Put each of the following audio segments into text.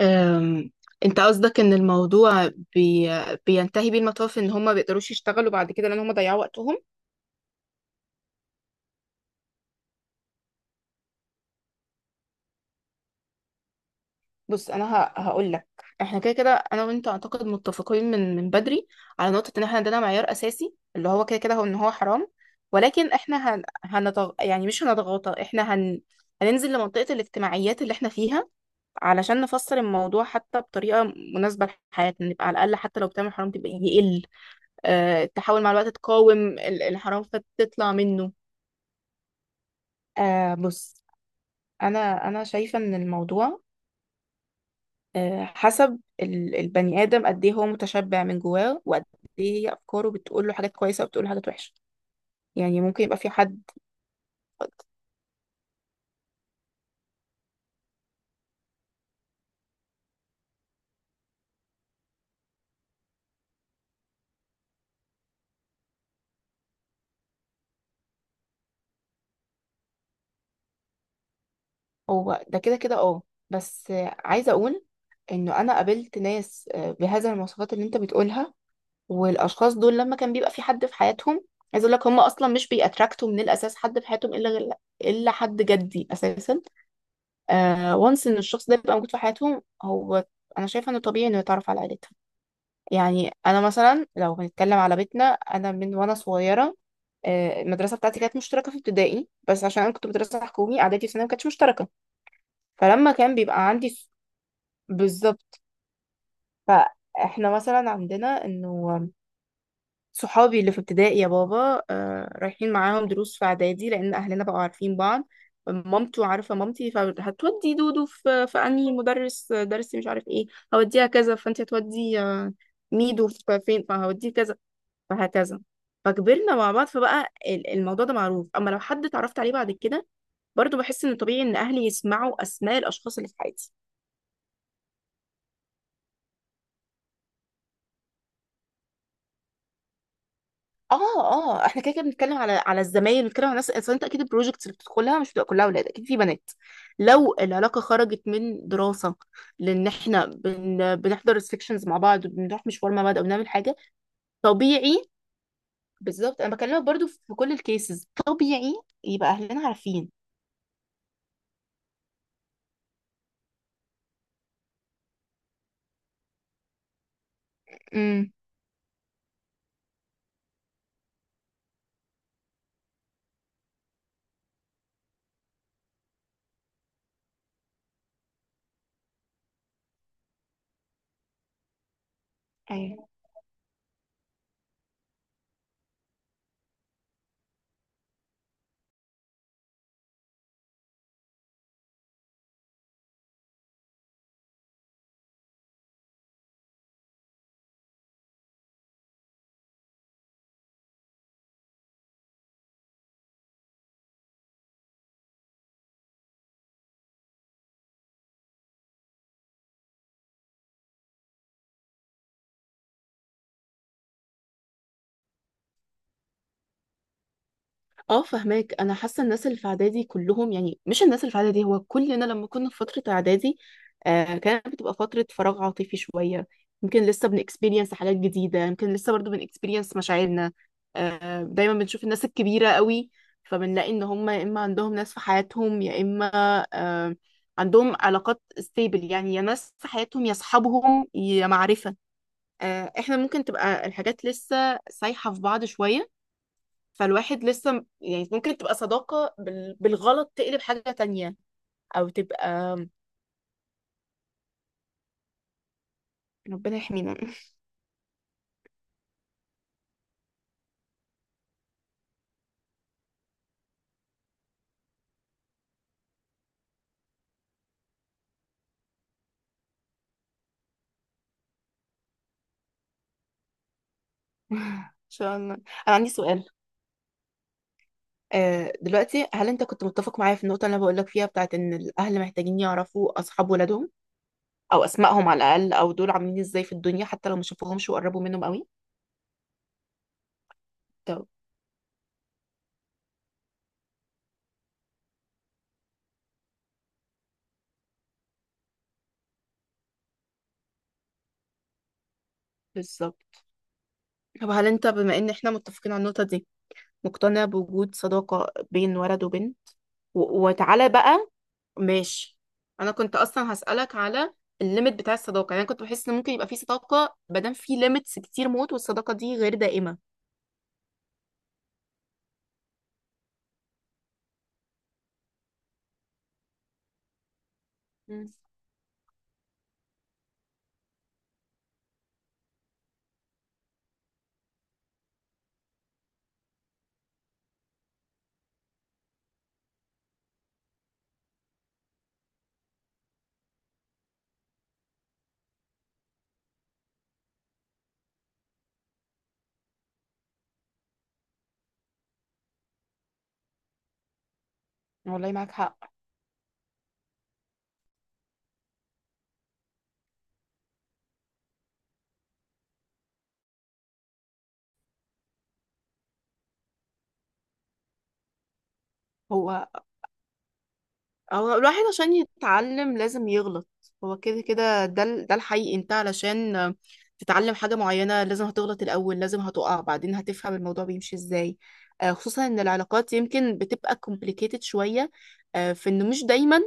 أم، انت قصدك ان الموضوع بينتهي بيه المطاف ان هم ما بيقدروش يشتغلوا بعد كده لان هم ضيعوا وقتهم. بص انا هقول لك، احنا كده كده انا وانت اعتقد متفقين من بدري على نقطة ان احنا عندنا معيار اساسي اللي هو كده كده هو ان هو حرام، ولكن احنا يعني مش هنضغطه، احنا هننزل لمنطقة الاجتماعيات اللي احنا فيها علشان نفسر الموضوع حتى بطريقة مناسبة لحياتنا، نبقى على الأقل حتى لو بتعمل حرام تبقى يقل. تحاول مع الوقت تقاوم الانحراف فتطلع منه. بص، انا شايفه ان الموضوع حسب البني ادم قد ايه هو متشبع من جواه، وقد ايه هي افكاره، بتقول له حاجات كويسه وبتقول له حاجات وحشه. يعني ممكن يبقى في حد. هو ده كده كده اه. بس عايزه اقول انه انا قابلت ناس بهذه المواصفات اللي انت بتقولها، والاشخاص دول لما كان بيبقى في حد في حياتهم، عايز اقول لك هم اصلا مش بيأتراكتوا من الاساس حد في حياتهم الا الا حد جدي اساسا. وانس ان الشخص ده يبقى موجود في حياتهم، هو انا شايفه انه طبيعي انه يتعرف على عيلتهم. يعني انا مثلا لو بنتكلم على بيتنا، انا من وانا صغيره، المدرسه بتاعتي كانت مشتركه في ابتدائي، بس عشان انا كنت مدرسه حكومي، اعدادي وثانوي ما كانتش مشتركه. فلما كان بيبقى عندي بالظبط. فاحنا مثلا عندنا انه صحابي اللي في ابتدائي يا بابا آه رايحين معاهم دروس في اعدادي، لان اهلنا بقوا عارفين بعض، مامته عارفه مامتي، فهتودي دودو في انهي مدرس، درس مش عارف ايه، هوديها كذا، فانت هتودي ميدو في فين، فهوديه كذا، فهكذا. فكبرنا مع بعض، فبقى الموضوع ده معروف. اما لو حد اتعرفت عليه بعد كده، برضو بحس ان طبيعي ان اهلي يسمعوا اسماء الاشخاص اللي في حياتي. اه اه، احنا كده كده بنتكلم على الزمايل، بنتكلم على الناس، اصل انت اكيد البروجكتس اللي بتدخلها مش بتبقى كلها اولاد، اكيد في بنات. لو العلاقه خرجت من دراسه، لان احنا بنحضر السكشنز مع بعض، وبنروح مشوار مع بعض، او بنعمل حاجه، طبيعي. بالظبط، انا بكلمك برضو في كل الكيسز طبيعي، يبقى اهلنا عارفين. امم. اه فهماك. انا حاسه الناس اللي في اعدادي كلهم، يعني مش الناس اللي في اعدادي، هو كلنا لما كنا في فتره اعدادي، آه كانت بتبقى فتره فراغ عاطفي شويه، يمكن لسه بنكسبيرينس حاجات جديده، يمكن لسه برضو بنكسبيرينس مشاعرنا. آه دايما بنشوف الناس الكبيره قوي، فبنلاقي ان هم يا اما عندهم ناس في حياتهم، يا اما آه عندهم علاقات ستيبل، يعني يا ناس في حياتهم، يا اصحابهم، يا معرفه. آه احنا ممكن تبقى الحاجات لسه سايحه في بعض شويه. فالواحد لسه يعني ممكن تبقى صداقة بالغلط تقلب حاجة تانية، أو تبقى. ربنا يحمينا إن شاء الله. أنا عندي سؤال. دلوقتي، هل أنت كنت متفق معايا في النقطة اللي أنا بقولك فيها، بتاعت إن الأهل محتاجين يعرفوا أصحاب ولادهم أو أسمائهم على الأقل، أو دول عاملين إزاي في الدنيا، حتى لو ما شافوهمش وقربوا منهم قوي؟ طب بالظبط. طب هل أنت بما إن إحنا متفقين على النقطة دي، مقتنع بوجود صداقة بين ولد وبنت؟ وتعالى بقى. ماشي. انا كنت اصلا هسألك على الليميت بتاع الصداقة. يعني أنا كنت بحس ان ممكن يبقى في صداقة مادام في ليميتس كتير موت، والصداقة دي غير دائمة. مم. والله معاك حق. هو هو الواحد عشان يتعلم لازم يغلط. هو كده كده ده ده الحقيقي. انت علشان تتعلم حاجة معينة لازم هتغلط الأول، لازم هتقع، بعدين هتفهم الموضوع بيمشي ازاي. خصوصا ان العلاقات يمكن بتبقى complicated شوية. في انه مش دايما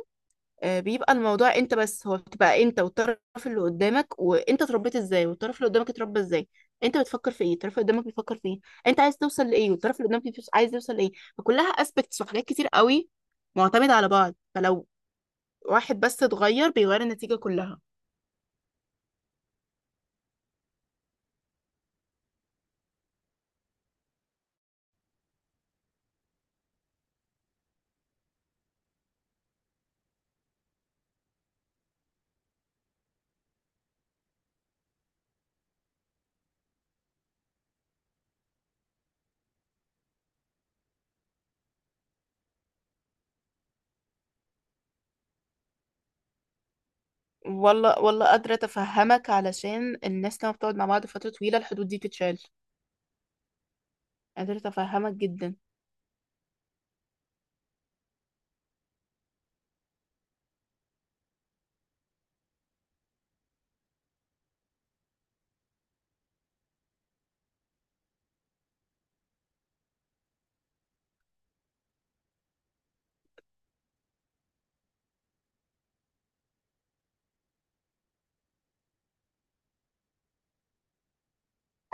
بيبقى الموضوع انت بس، هو بتبقى انت والطرف اللي قدامك، وانت اتربيت ازاي، والطرف اللي قدامك اتربى ازاي، انت بتفكر في ايه، الطرف اللي قدامك بيفكر في ايه، انت عايز توصل لايه، والطرف اللي قدامك عايز يوصل لايه. فكلها اسبكتس وحاجات كتير قوي معتمدة على بعض. فلو واحد بس اتغير بيغير النتيجة كلها. والله والله قادرة أتفهمك، علشان الناس لما بتقعد مع بعض فترة طويلة الحدود دي تتشال. قادرة أتفهمك جدا.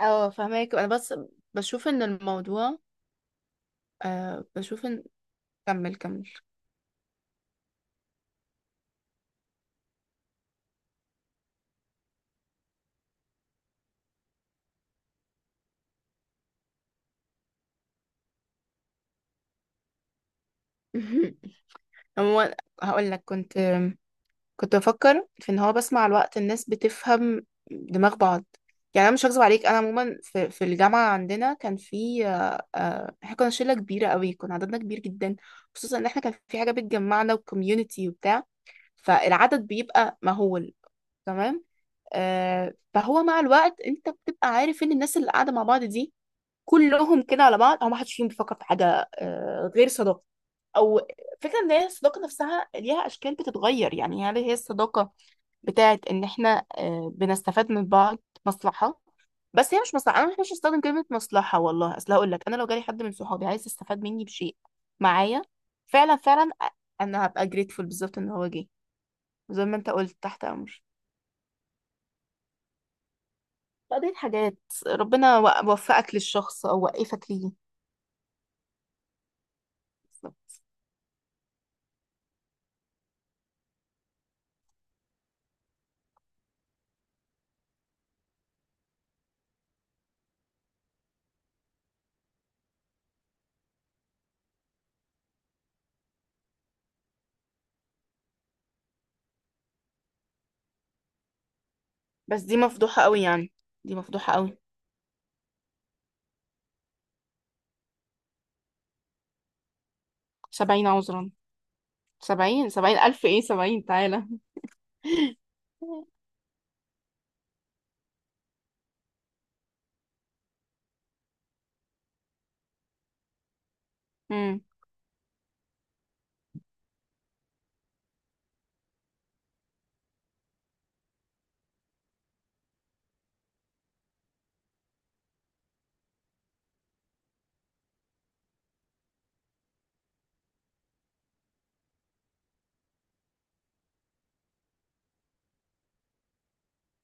اه فهماك. أنا بس بشوف إن الموضوع، آه بشوف إن، كمل كمل. هو هقول لك، كنت كنت بفكر في ان هو بس مع الوقت الناس بتفهم دماغ بعض. يعني انا مش هكذب عليك، انا عموما في الجامعه عندنا كان في احنا كنا شله كبيره قوي، كنا عددنا كبير جدا، خصوصا ان احنا كان في حاجه بتجمعنا وكوميونتي وبتاع، فالعدد بيبقى مهول. تمام. فهو مع الوقت انت بتبقى عارف ان الناس اللي قاعده مع بعض دي كلهم كده على بعض، او ما حدش فيهم بيفكر في حاجه غير صداقه. او فكره ان هي الصداقه نفسها ليها اشكال بتتغير، يعني هل هي الصداقه بتاعت ان احنا بنستفاد من بعض، مصلحه. بس هي مش مصلحه، انا مش هستخدم كلمه مصلحه والله، اصل هقول لك انا لو جالي حد من صحابي عايز يستفاد مني بشيء معايا، فعلا فعلا انا هبقى جريتفول بالظبط ان هو جه. زي ما انت قلت، تحت امر. فقضية حاجات، ربنا وفقك للشخص او وقفك ليه. بالظبط. بس دي مفضوحه قوي يعني. دي مفضوحه قوي. سبعين عذرا. سبعين سبعين ألف إيه سبعين، تعالى. امم.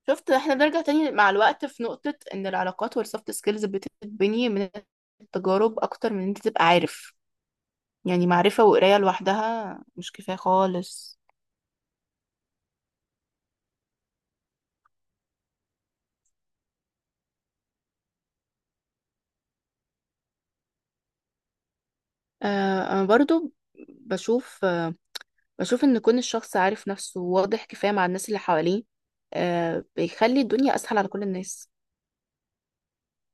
شفت، احنا بنرجع تاني مع الوقت في نقطة ان العلاقات والسوفت سكيلز بتتبني من التجارب اكتر من ان انت تبقى عارف. يعني معرفة وقراية لوحدها مش كفاية خالص. آه انا برضو بشوف، آه بشوف ان كون الشخص عارف نفسه واضح كفاية مع الناس اللي حواليه، آه بيخلي الدنيا اسهل على كل الناس.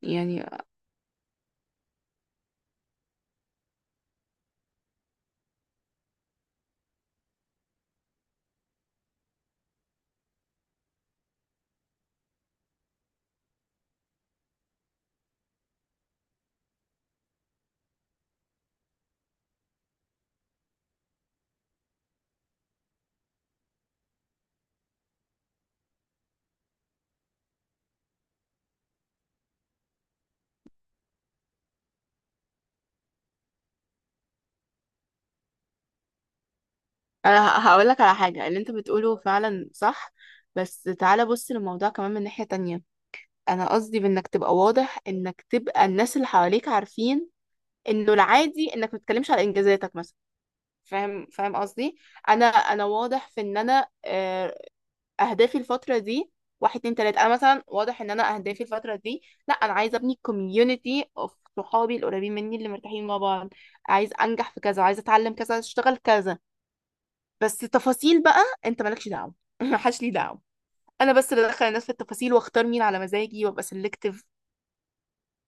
يعني انا هقول لك على حاجة، اللي انت بتقوله فعلا صح، بس تعالى بص للموضوع كمان من ناحية تانية. انا قصدي بانك تبقى واضح، انك تبقى الناس اللي حواليك عارفين انه العادي، انك ما تتكلمش على انجازاتك مثلا. فاهم فاهم قصدي. انا واضح في ان انا اهدافي الفتره دي واحد اتنين تلاته. انا مثلا واضح ان انا اهدافي الفتره دي، لا انا عايزه ابني كوميونتي اوف صحابي القريبين مني اللي مرتاحين مع بعض، عايز انجح في كذا، عايزه اتعلم كذا، عايزه اشتغل كذا. بس تفاصيل بقى انت مالكش دعوه محدش ليه دعوه. انا بس اللي ادخل الناس في التفاصيل واختار مين على مزاجي وابقى سيلكتيف.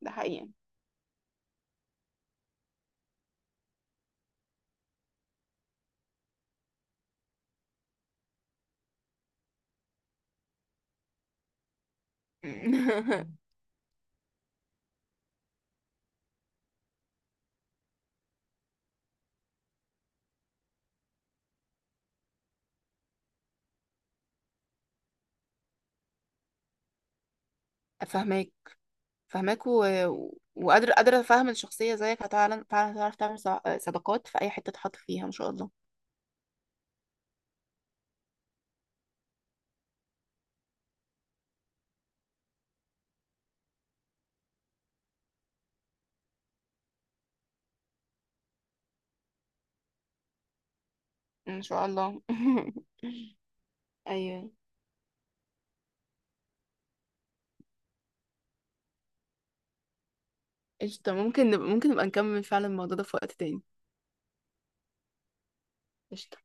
ده حقيقي. فهماك فهماك وقادرة قادرة أفهم الشخصية زيك هتعلم فعلا، هتعرف تعمل صداقات في أي حتة تحط فيها إن شاء الله. إن شاء الله. أيوه. قشطة، ممكن نبقى ممكن نبقى نكمل فعلا الموضوع ده في وقت تاني. قشطة.